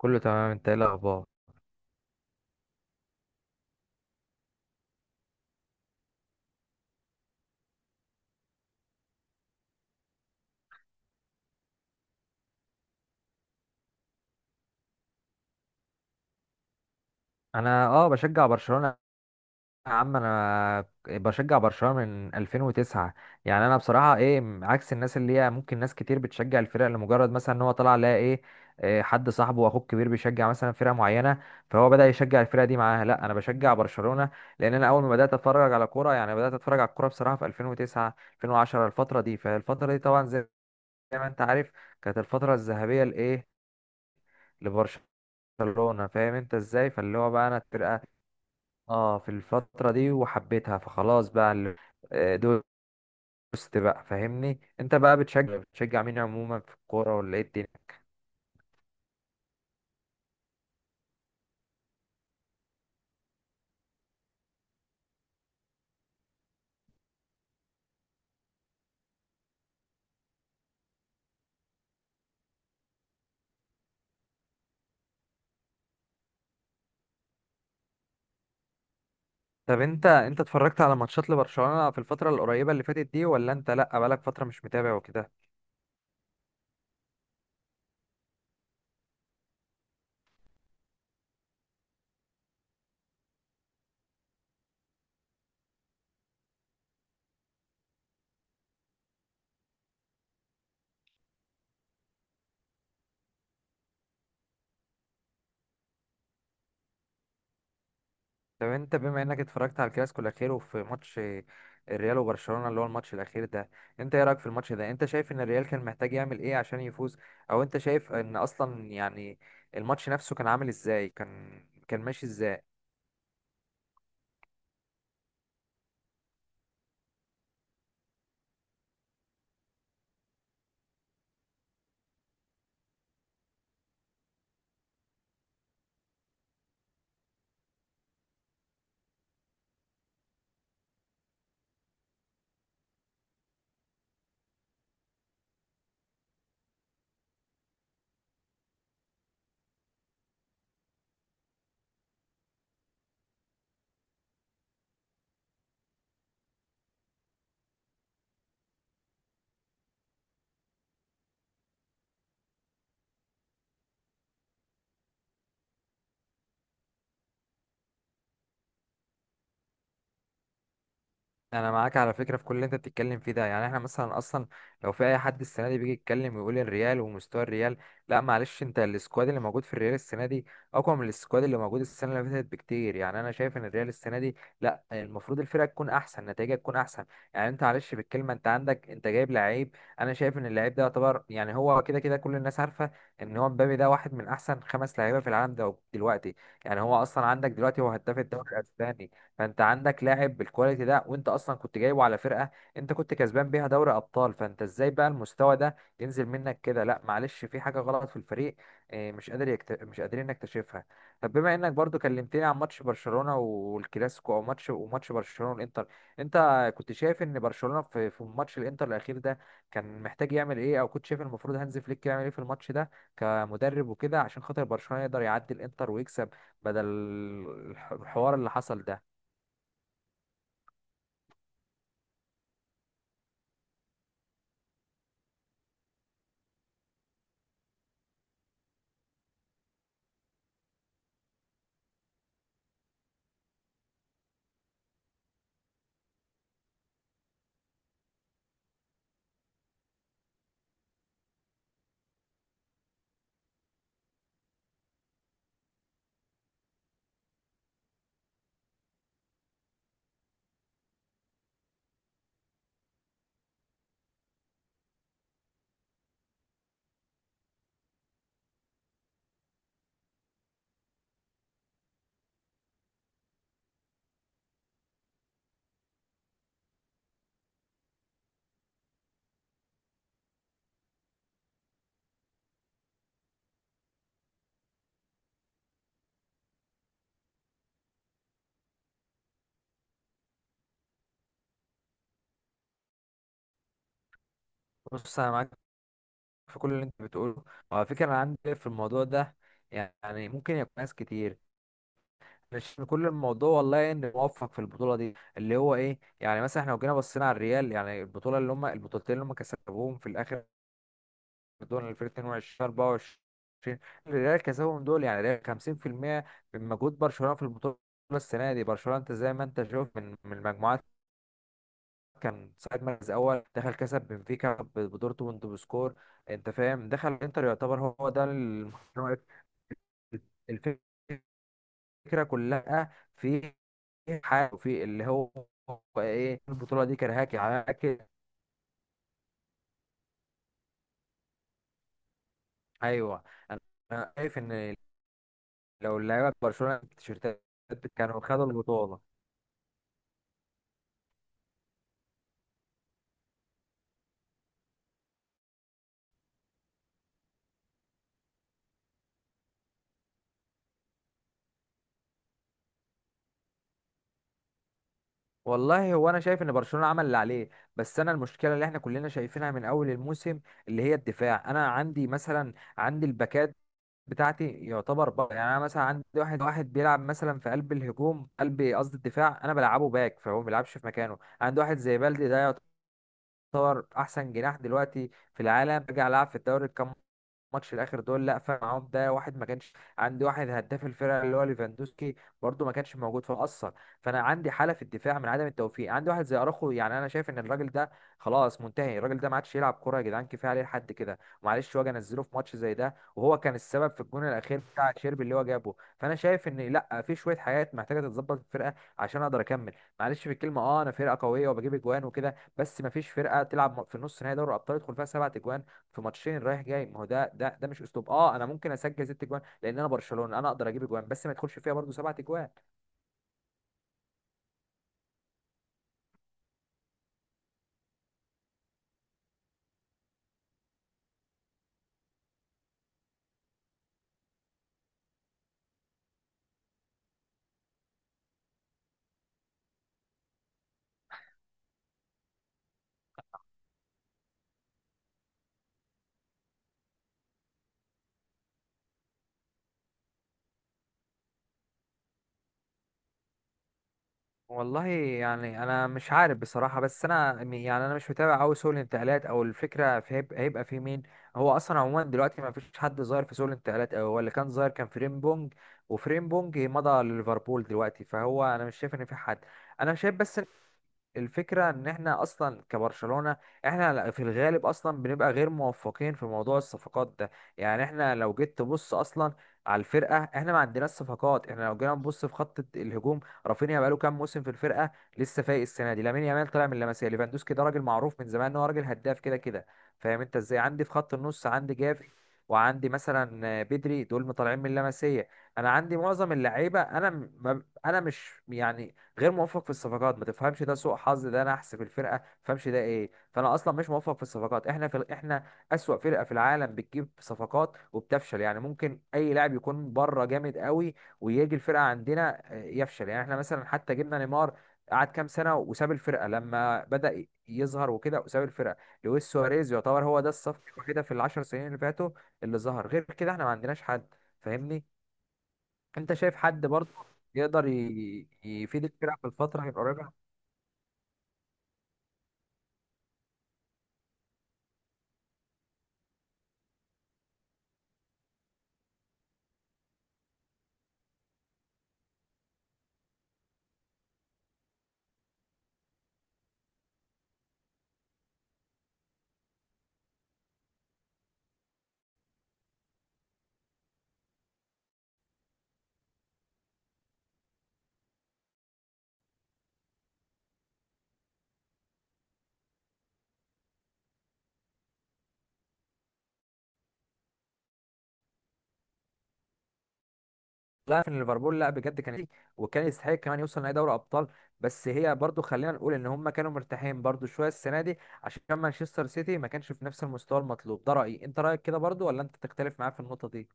كله تمام، انت ايه الاخبار؟ انا بشجع برشلونة. يا عم انا بشجع برشلونة من 2009. يعني انا بصراحة عكس الناس اللي هي ممكن ناس كتير بتشجع الفرق لمجرد مثلا ان هو طلع لها ايه. حد صاحبه واخوه الكبير بيشجع مثلا فرقة معينة فهو بدأ يشجع الفرقة دي معاها. لا، انا بشجع برشلونة لان انا اول ما بدأت اتفرج على كورة، يعني بدأت اتفرج على الكورة بصراحة في 2009 2010، الفترة دي. فالفترة دي طبعا زي ما انت عارف كانت الفترة الذهبية لايه، لبرشلونة. فاهم انت ازاي؟ فاللي هو بقى انا الفرقة اه في الفترة دي وحبيتها فخلاص. بقى ال- آه، دوست بقى، فاهمني؟ انت بقى بتشجع مين عموما في الكورة ولا ايه الدنيا؟ طب انت اتفرجت على ماتشات لبرشلونة في الفترة القريبة اللي فاتت دي، ولا انت لا بقالك فترة مش متابع وكده؟ طب انت بما انك اتفرجت على الكلاسيكو الاخير وفي ماتش آه، الريال وبرشلونة، اللي هو الماتش الاخير ده، انت ايه رأيك في الماتش ده؟ انت شايف ان الريال كان محتاج يعمل ايه عشان يفوز؟ او انت شايف ان اصلا يعني الماتش نفسه كان عامل ازاي، كان ماشي ازاي؟ انا معاك على فكره في كل اللي انت بتتكلم فيه ده. يعني احنا مثلا اصلا لو في اي حد السنه دي بيجي يتكلم ويقول الريال ومستوى الريال، لا معلش، انت السكواد اللي موجود في الريال السنه دي اقوى من السكواد اللي موجود السنه اللي فاتت بكتير. يعني انا شايف ان الريال السنه دي، لا، المفروض الفرقه تكون احسن، نتائجها تكون احسن. يعني انت معلش بالكلمه، انت عندك، انت جايب لعيب، انا شايف ان اللعيب ده يعتبر، يعني هو كده كده كل الناس عارفه ان هو مبابي ده واحد من احسن خمس لعيبه في العالم ده دلوقتي. يعني هو اصلا عندك دلوقتي هو هداف الدوري الاسباني. فانت عندك لاعب بالكواليتي ده، وانت اصلا كنت جايبه على فرقه انت كنت كسبان بيها دوري ابطال، فانت ازاي بقى المستوى ده ينزل منك كده؟ لا معلش، في حاجه غلط في الفريق مش قادر مش قادرين نكتشفها. طب بما انك برضو كلمتني عن ماتش برشلونه والكلاسيكو او ماتش برشلونه والانتر، انت كنت شايف ان برشلونه في ماتش الانتر الاخير ده كان محتاج يعمل ايه؟ او كنت شايف المفروض هانز فليك يعمل ايه في الماتش ده كمدرب وكده، عشان خاطر برشلونه يقدر يعدي الانتر ويكسب بدل الحوار اللي حصل ده؟ بص انا معاك في كل اللي انت بتقوله. وعلى فكره انا عندي في الموضوع ده، يعني ممكن يكون ناس كتير، مش كل الموضوع والله ان موفق في البطوله دي اللي هو ايه. يعني مثلا احنا لو جينا بصينا على الريال، يعني البطوله اللي هم البطولتين اللي هم كسبوهم في الاخر دول، 2022 24، الريال كسبهم دول، يعني الريال 50% من مجهود برشلونه في البطوله. السنه دي برشلونه انت زي ما انت شايف، من المجموعات كان ساعد مركز اول، دخل كسب بنفيكا بدورتموند بسكور، انت فاهم؟ دخل انتر يعتبر هو ده الفكره كلها في حاجه، في اللي هو ايه، البطوله دي كرهاك على اكل. ايوه، انا شايف ان لو اللعيبه برشلونه التيشيرتات كانوا خدوا البطوله. والله هو انا شايف ان برشلونه عمل اللي عليه. بس انا المشكله اللي احنا كلنا شايفينها من اول الموسم اللي هي الدفاع. انا عندي مثلا عندي الباكات بتاعتي يعتبر بقى، يعني انا مثلا عندي واحد بيلعب مثلا في قلب الهجوم، قلب قصدي الدفاع، انا بلعبه باك فهو ما بيلعبش في مكانه. عندي واحد زي بلدي ده يعتبر احسن جناح دلوقتي في العالم، رجع لعب في الدوري كام ماتش الاخر دول، لا فرق معاهم ده واحد. ما كانش عندي واحد هداف الفرقه اللي هو ليفاندوسكي، برده ما كانش موجود فاثر. فانا عندي حاله في الدفاع من عدم التوفيق. عندي واحد زي اراخو، يعني انا شايف ان الراجل ده خلاص منتهي، الراجل ده ما عادش يلعب كوره يا جدعان، كفايه عليه لحد كده معلش، واجي انزله في ماتش زي ده وهو كان السبب في الجون الاخير بتاع شيربي اللي هو جابه. فانا شايف ان لا، في شويه حاجات محتاجه تتظبط في الفرقه عشان اقدر اكمل. معلش في الكلمه، اه انا فرقه قويه وبجيب اجوان وكده، بس ما فيش فرقه تلعب في نص نهائي دوري الابطال يدخل فيها سبعة اجوان في ماتشين رايح جاي. ما هو ده ده مش اسلوب. اه انا ممكن اسجل ست اجوان لان انا برشلونه انا اقدر اجيب اجوان، بس ما يدخلش فيها برضو سبعة اجوان. والله يعني انا مش عارف بصراحه، بس يعني انا مش متابع قوي سوق الانتقالات، او الفكره في هيبقى في مين. هو اصلا عموما دلوقتي ما فيش حد ظاهر في سوق الانتقالات أوي، هو اللي كان ظاهر كان فريمبونج، وفريمبونج مضى لليفربول دلوقتي، فهو انا مش شايف ان في حد. انا شايف بس الفكرة ان احنا اصلا كبرشلونة احنا في الغالب اصلا بنبقى غير موفقين في موضوع الصفقات ده. يعني احنا لو جيت تبص اصلا على الفرقة، احنا ما عندناش صفقات. احنا لو جينا نبص في خط الهجوم، رافينيا بقاله كام موسم في الفرقه، لسه فايق السنه دي. لامين يامال طالع من لاماسيا. ليفاندوسكي ده راجل معروف من زمان ان هو راجل هداف كده كده، فاهم انت ازاي؟ عندي في خط النص عندي جافي، وعندي مثلا بدري، دول طالعين من لاماسيا. انا عندي معظم اللعيبه، انا م- ما- انا مش يعني غير موفق في الصفقات، ما تفهمش ده سوء حظ، ده نحس في الفرقه، ما تفهمش ده ايه. فانا اصلا مش موفق في الصفقات. احنا في احنا اسوأ فرقه في العالم بتجيب صفقات وبتفشل. يعني ممكن اي لاعب يكون بره جامد قوي ويجي الفرقه عندنا يفشل. يعني احنا مثلا حتى جبنا نيمار، قعد كام سنه وساب الفرقه لما بدأ يظهر وكده، وساب الفرقه. لويس سواريز يعتبر هو ده الصف كده في العشر سنين اللي فاتوا اللي ظهر، غير كده احنا ما عندناش حد، فاهمني؟ انت شايف حد برضه يقدر يفيد الفرقه في الفتره القريبه؟ لا، في ليفربول، لا بجد كان وكان يستحق كمان يوصل نهائي دوري ابطال. بس هي برضه خلينا نقول ان هم كانوا مرتاحين برضه شويه السنه دي عشان مانشستر سيتي ما كانش في نفس المستوى المطلوب. ده رأيي، انت رأيك كده برضه ولا انت تختلف معايا في النقطة دي؟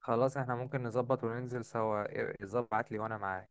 خلاص احنا ممكن نظبط وننزل سوا، ظبط لي وانا معاك.